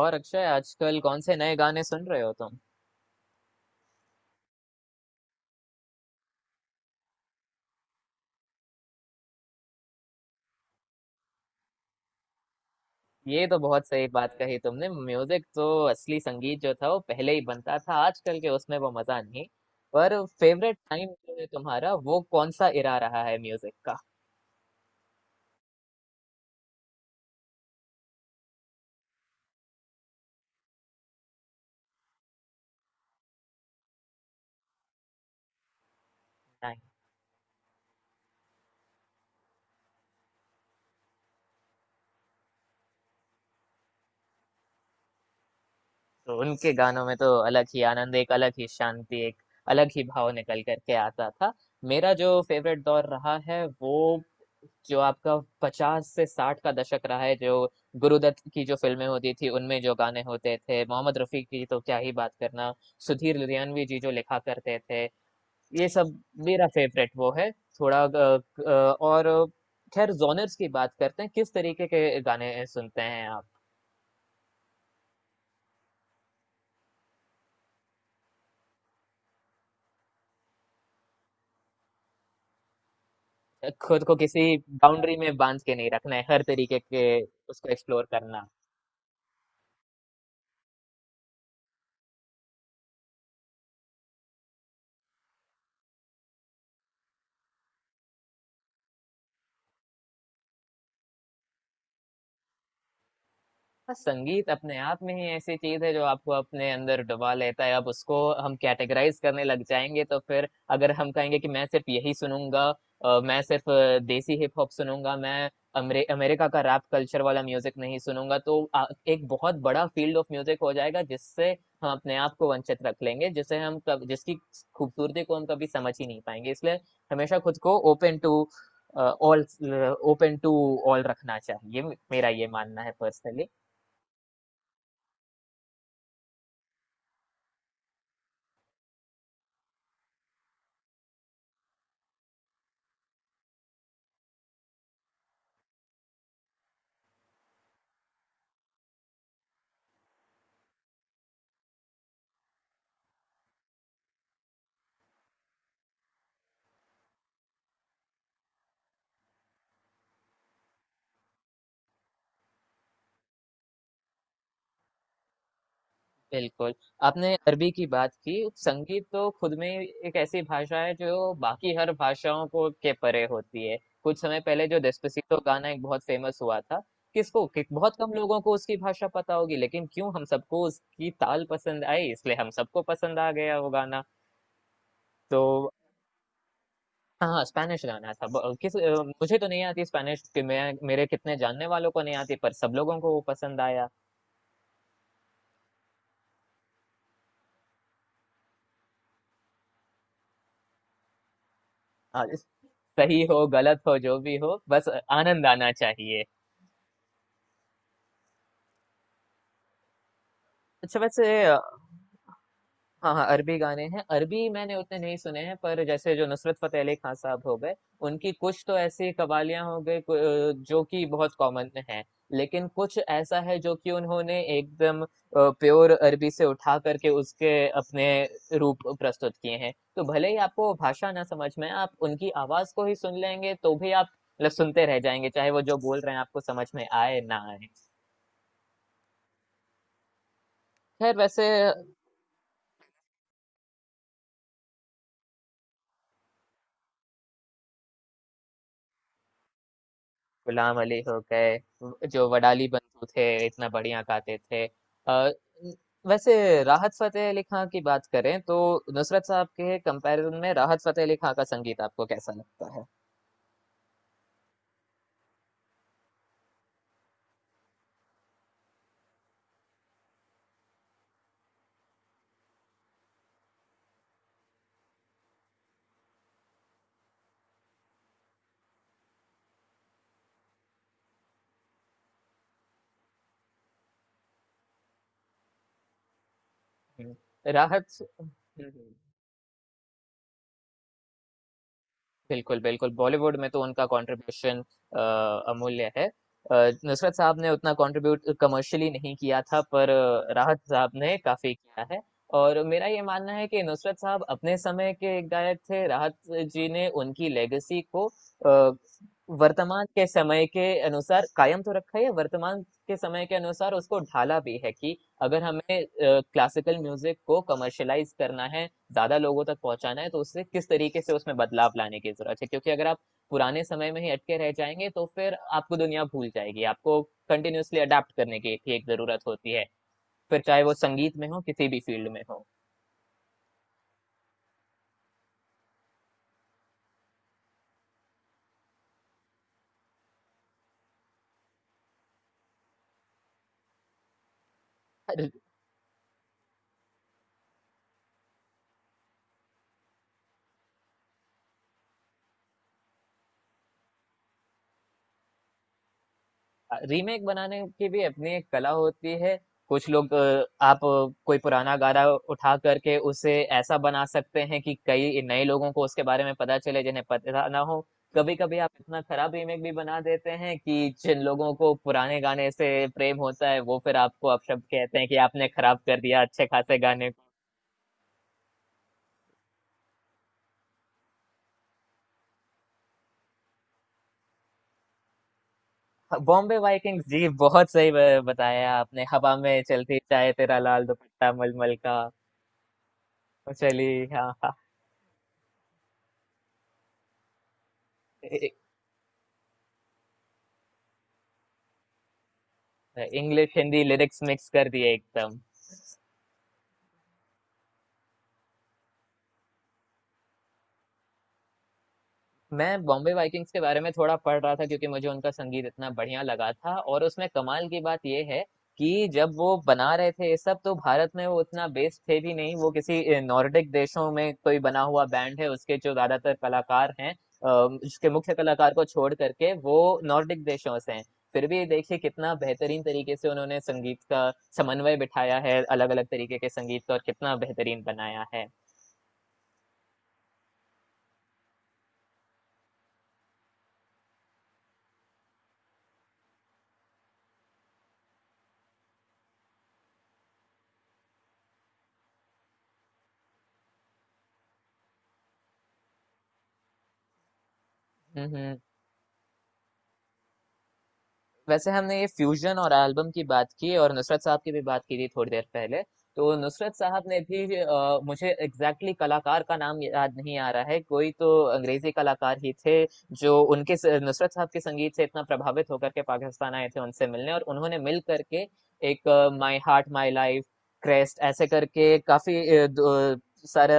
और अक्षय, आजकल कौन से नए गाने सुन रहे हो तुम? ये तो बहुत सही बात कही तुमने। म्यूजिक तो असली संगीत जो था वो पहले ही बनता था, आजकल के उसमें वो मजा नहीं। पर फेवरेट टाइम जो है तुम्हारा, वो कौन सा इरा रहा है म्यूजिक का? तो उनके गानों में तो अलग ही आनंद, एक अलग ही शांति, एक अलग ही भाव निकल करके आता था। मेरा जो फेवरेट दौर रहा है वो, जो आपका 50 से 60 का दशक रहा है, जो गुरुदत्त की जो फिल्में होती थी उनमें जो गाने होते थे, मोहम्मद रफी की तो क्या ही बात करना। सुधीर लुधियानवी जी जो लिखा करते थे, ये सब मेरा फेवरेट वो है। थोड़ा और खैर, जोनर्स की बात करते हैं। किस तरीके के गाने सुनते हैं आप? खुद को किसी बाउंड्री में बांध के नहीं रखना है, हर तरीके के उसको एक्सप्लोर करना। बस संगीत अपने आप में ही ऐसी चीज है जो आपको अपने अंदर डुबा लेता है। अब उसको हम कैटेगराइज करने लग जाएंगे तो फिर, अगर हम कहेंगे कि मैं सिर्फ यही सुनूंगा, मैं सिर्फ देसी हिप हॉप सुनूंगा, मैं अमेरिका का रैप कल्चर वाला म्यूजिक नहीं सुनूंगा, तो एक बहुत बड़ा फील्ड ऑफ म्यूजिक हो जाएगा जिससे हम अपने आप को वंचित रख लेंगे, जिसकी खूबसूरती को हम कभी समझ ही नहीं पाएंगे। इसलिए हमेशा खुद को open to all, open to all रखना चाहिए। मेरा ये मानना है, पर्सनली। बिल्कुल। आपने अरबी की बात की। संगीत तो खुद में एक ऐसी भाषा है जो बाकी हर भाषाओं को के परे होती है। कुछ समय पहले जो डेस्पासितो गाना एक बहुत फेमस हुआ था, किसको कि बहुत कम लोगों को उसकी भाषा पता होगी, लेकिन क्यों हम सबको उसकी ताल पसंद आई, इसलिए हम सबको पसंद आ गया वो गाना। तो हाँ, हाँ, स्पेनिश गाना था। मुझे तो नहीं आती स्पेनिश, कि मैं, मेरे कितने जानने वालों को नहीं आती, पर सब लोगों को वो पसंद आया। हाँ, इस सही हो, गलत हो, जो भी हो, बस आनंद आना चाहिए। अच्छा वैसे, हाँ हाँ, अरबी गाने हैं। अरबी मैंने उतने नहीं सुने हैं पर जैसे जो नुसरत फतेह अली खान साहब हो गए, उनकी कुछ तो ऐसी कवालियां हो गई जो कि बहुत कॉमन है लेकिन कुछ ऐसा है जो कि उन्होंने एकदम प्योर अरबी से उठा करके उसके अपने रूप प्रस्तुत किए हैं। तो भले ही आपको भाषा ना समझ में आए, आप उनकी आवाज को ही सुन लेंगे तो भी आप, मतलब, सुनते रह जाएंगे, चाहे वो जो बोल रहे हैं आपको समझ में आए ना आए। खैर, वैसे गुलाम अली हो गए, जो वडाली बंधु थे, इतना बढ़िया गाते थे। न- वैसे राहत फतेह अली खां की बात करें तो, नुसरत साहब के कंपैरिजन में राहत फतेह अली खां का संगीत आपको कैसा लगता है? हम्म, राहत। हम्म। हम्म। बिल्कुल, बिल्कुल, बॉलीवुड में तो उनका कंट्रीब्यूशन अ, अमूल्य है। नुसरत साहब ने उतना कंट्रीब्यूट कमर्शियली नहीं किया था, पर राहत साहब ने काफ़ी किया है। और मेरा ये मानना है कि नुसरत साहब अपने समय के एक गायक थे, राहत जी ने उनकी लेगेसी को अ, वर्तमान के समय के अनुसार कायम तो रखा ही है, वर्तमान के समय के अनुसार उसको ढाला भी है कि, अगर हमें क्लासिकल म्यूज़िक को कमर्शियलाइज़ करना है, ज्यादा लोगों तक पहुंचाना है, तो उससे किस तरीके से उसमें बदलाव लाने की जरूरत है। क्योंकि अगर आप पुराने समय में ही अटके रह जाएंगे तो फिर आपको दुनिया भूल जाएगी। आपको कंटिन्यूअसली अडेप्ट करने की भी एक जरूरत होती है, फिर चाहे वो संगीत में हो, किसी भी फील्ड में हो। रीमेक बनाने की भी अपनी एक कला होती है। कुछ लोग आप कोई पुराना गाना उठा करके उसे ऐसा बना सकते हैं कि कई नए लोगों को उसके बारे में पता चले जिन्हें पता ना हो। कभी कभी आप इतना खराब रीमेक भी बना देते हैं कि जिन लोगों को पुराने गाने से प्रेम होता है, वो फिर आपको अपशब्द कहते हैं कि आपने खराब कर दिया अच्छे खासे गाने को। हाँ, बॉम्बे वाइकिंग्स जी, बहुत सही बताया आपने। हवा में चलती, चाहे तेरा लाल दुपट्टा मलमल का। चली। हाँ हाँ, इंग्लिश हिंदी लिरिक्स मिक्स कर दिए एकदम। मैं बॉम्बे वाइकिंग्स के बारे में थोड़ा पढ़ रहा था, क्योंकि मुझे उनका संगीत इतना बढ़िया लगा था। और उसमें कमाल की बात यह है कि जब वो बना रहे थे ये सब, तो भारत में वो उतना बेस्ड थे भी नहीं। वो किसी नॉर्डिक देशों में कोई बना हुआ बैंड है, उसके जो ज्यादातर कलाकार हैं, अ, उसके मुख्य कलाकार को छोड़ करके वो नॉर्डिक देशों से हैं। फिर भी देखिए कितना बेहतरीन तरीके से उन्होंने संगीत का समन्वय बिठाया है, अलग अलग तरीके के संगीत का, और कितना बेहतरीन बनाया है। हम्म। हम्म। वैसे हमने ये फ्यूजन और एल्बम की बात की, और नुसरत साहब की भी बात की थी थोड़ी देर पहले। तो नुसरत साहब ने भी, मुझे एग्जैक्टली exactly कलाकार का नाम याद नहीं आ रहा है, कोई तो अंग्रेजी कलाकार ही थे जो नुसरत साहब के संगीत से इतना प्रभावित होकर के पाकिस्तान आए थे उनसे मिलने, और उन्होंने मिल करके एक माई हार्ट माई लाइफ क्रेस्ट ऐसे करके काफी सारे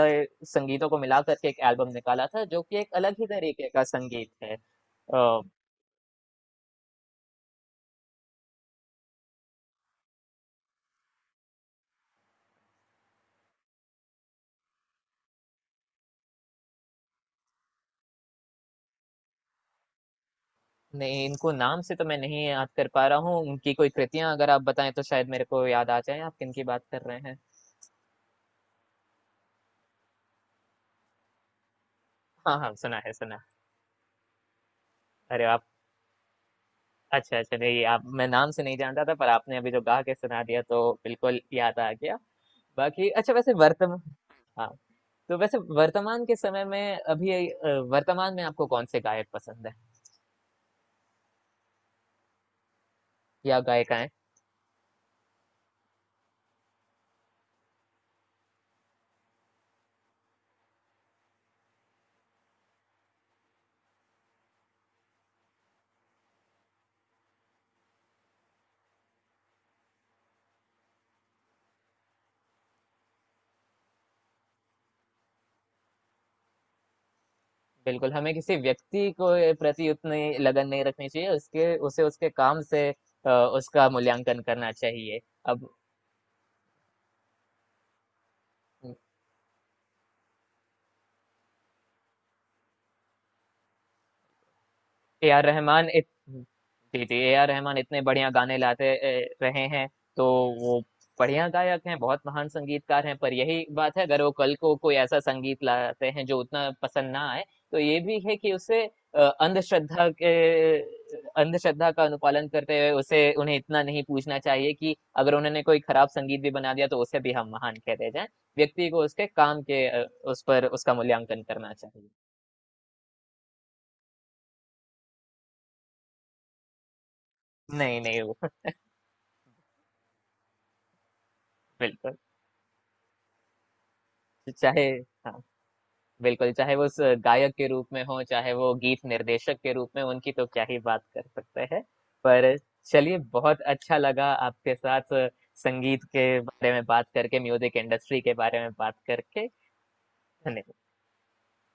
संगीतों को मिला करके एक एल्बम निकाला था, जो कि एक अलग ही तरीके का संगीत है। नहीं, इनको नाम से तो मैं नहीं याद कर पा रहा हूँ। उनकी कोई कृतियां अगर आप बताएं तो शायद मेरे को याद आ जाए। आप किन की बात कर रहे हैं? हाँ हाँ, सुना है, सुना। अरे आप, अच्छा अच्छा, नहीं आप, मैं नाम से नहीं जानता था पर आपने अभी जो गा के सुना दिया तो बिल्कुल याद आ गया। बाकी, अच्छा वैसे वर्तमान, हाँ, तो वैसे वर्तमान के समय में अभी, वर्तमान में आपको कौन से गायक पसंद है? या गायिकाएं? बिल्कुल, हमें किसी व्यक्ति को प्रति उतनी लगन नहीं रखनी चाहिए, उसके, उसे, उसके काम से, अ, उसका मूल्यांकन करना चाहिए। अब, ए ए आर रहमान इतने बढ़िया गाने लाते रहे हैं। तो वो बढ़िया गायक हैं, बहुत महान संगीतकार हैं, पर यही बात है, अगर वो कल को कोई ऐसा संगीत लाते हैं जो उतना पसंद ना आए, तो ये भी है कि उसे, अ, अंधश्रद्धा के अंधश्रद्धा का अनुपालन करते हुए उसे, उन्हें इतना नहीं पूछना चाहिए कि अगर उन्होंने कोई खराब संगीत भी बना दिया तो उसे भी हम महान कहते जाएं। व्यक्ति को उसके काम के, उस पर उसका मूल्यांकन करना चाहिए। नहीं नहीं, वो बिल्कुल चाहे, हाँ, बिल्कुल, चाहे वो गायक के रूप में हो, चाहे वो गीत निर्देशक के रूप में, उनकी तो क्या ही बात कर सकते हैं। पर चलिए, बहुत अच्छा लगा आपके साथ संगीत के बारे में बात करके, म्यूजिक इंडस्ट्री के बारे में बात करके। धन्यवाद।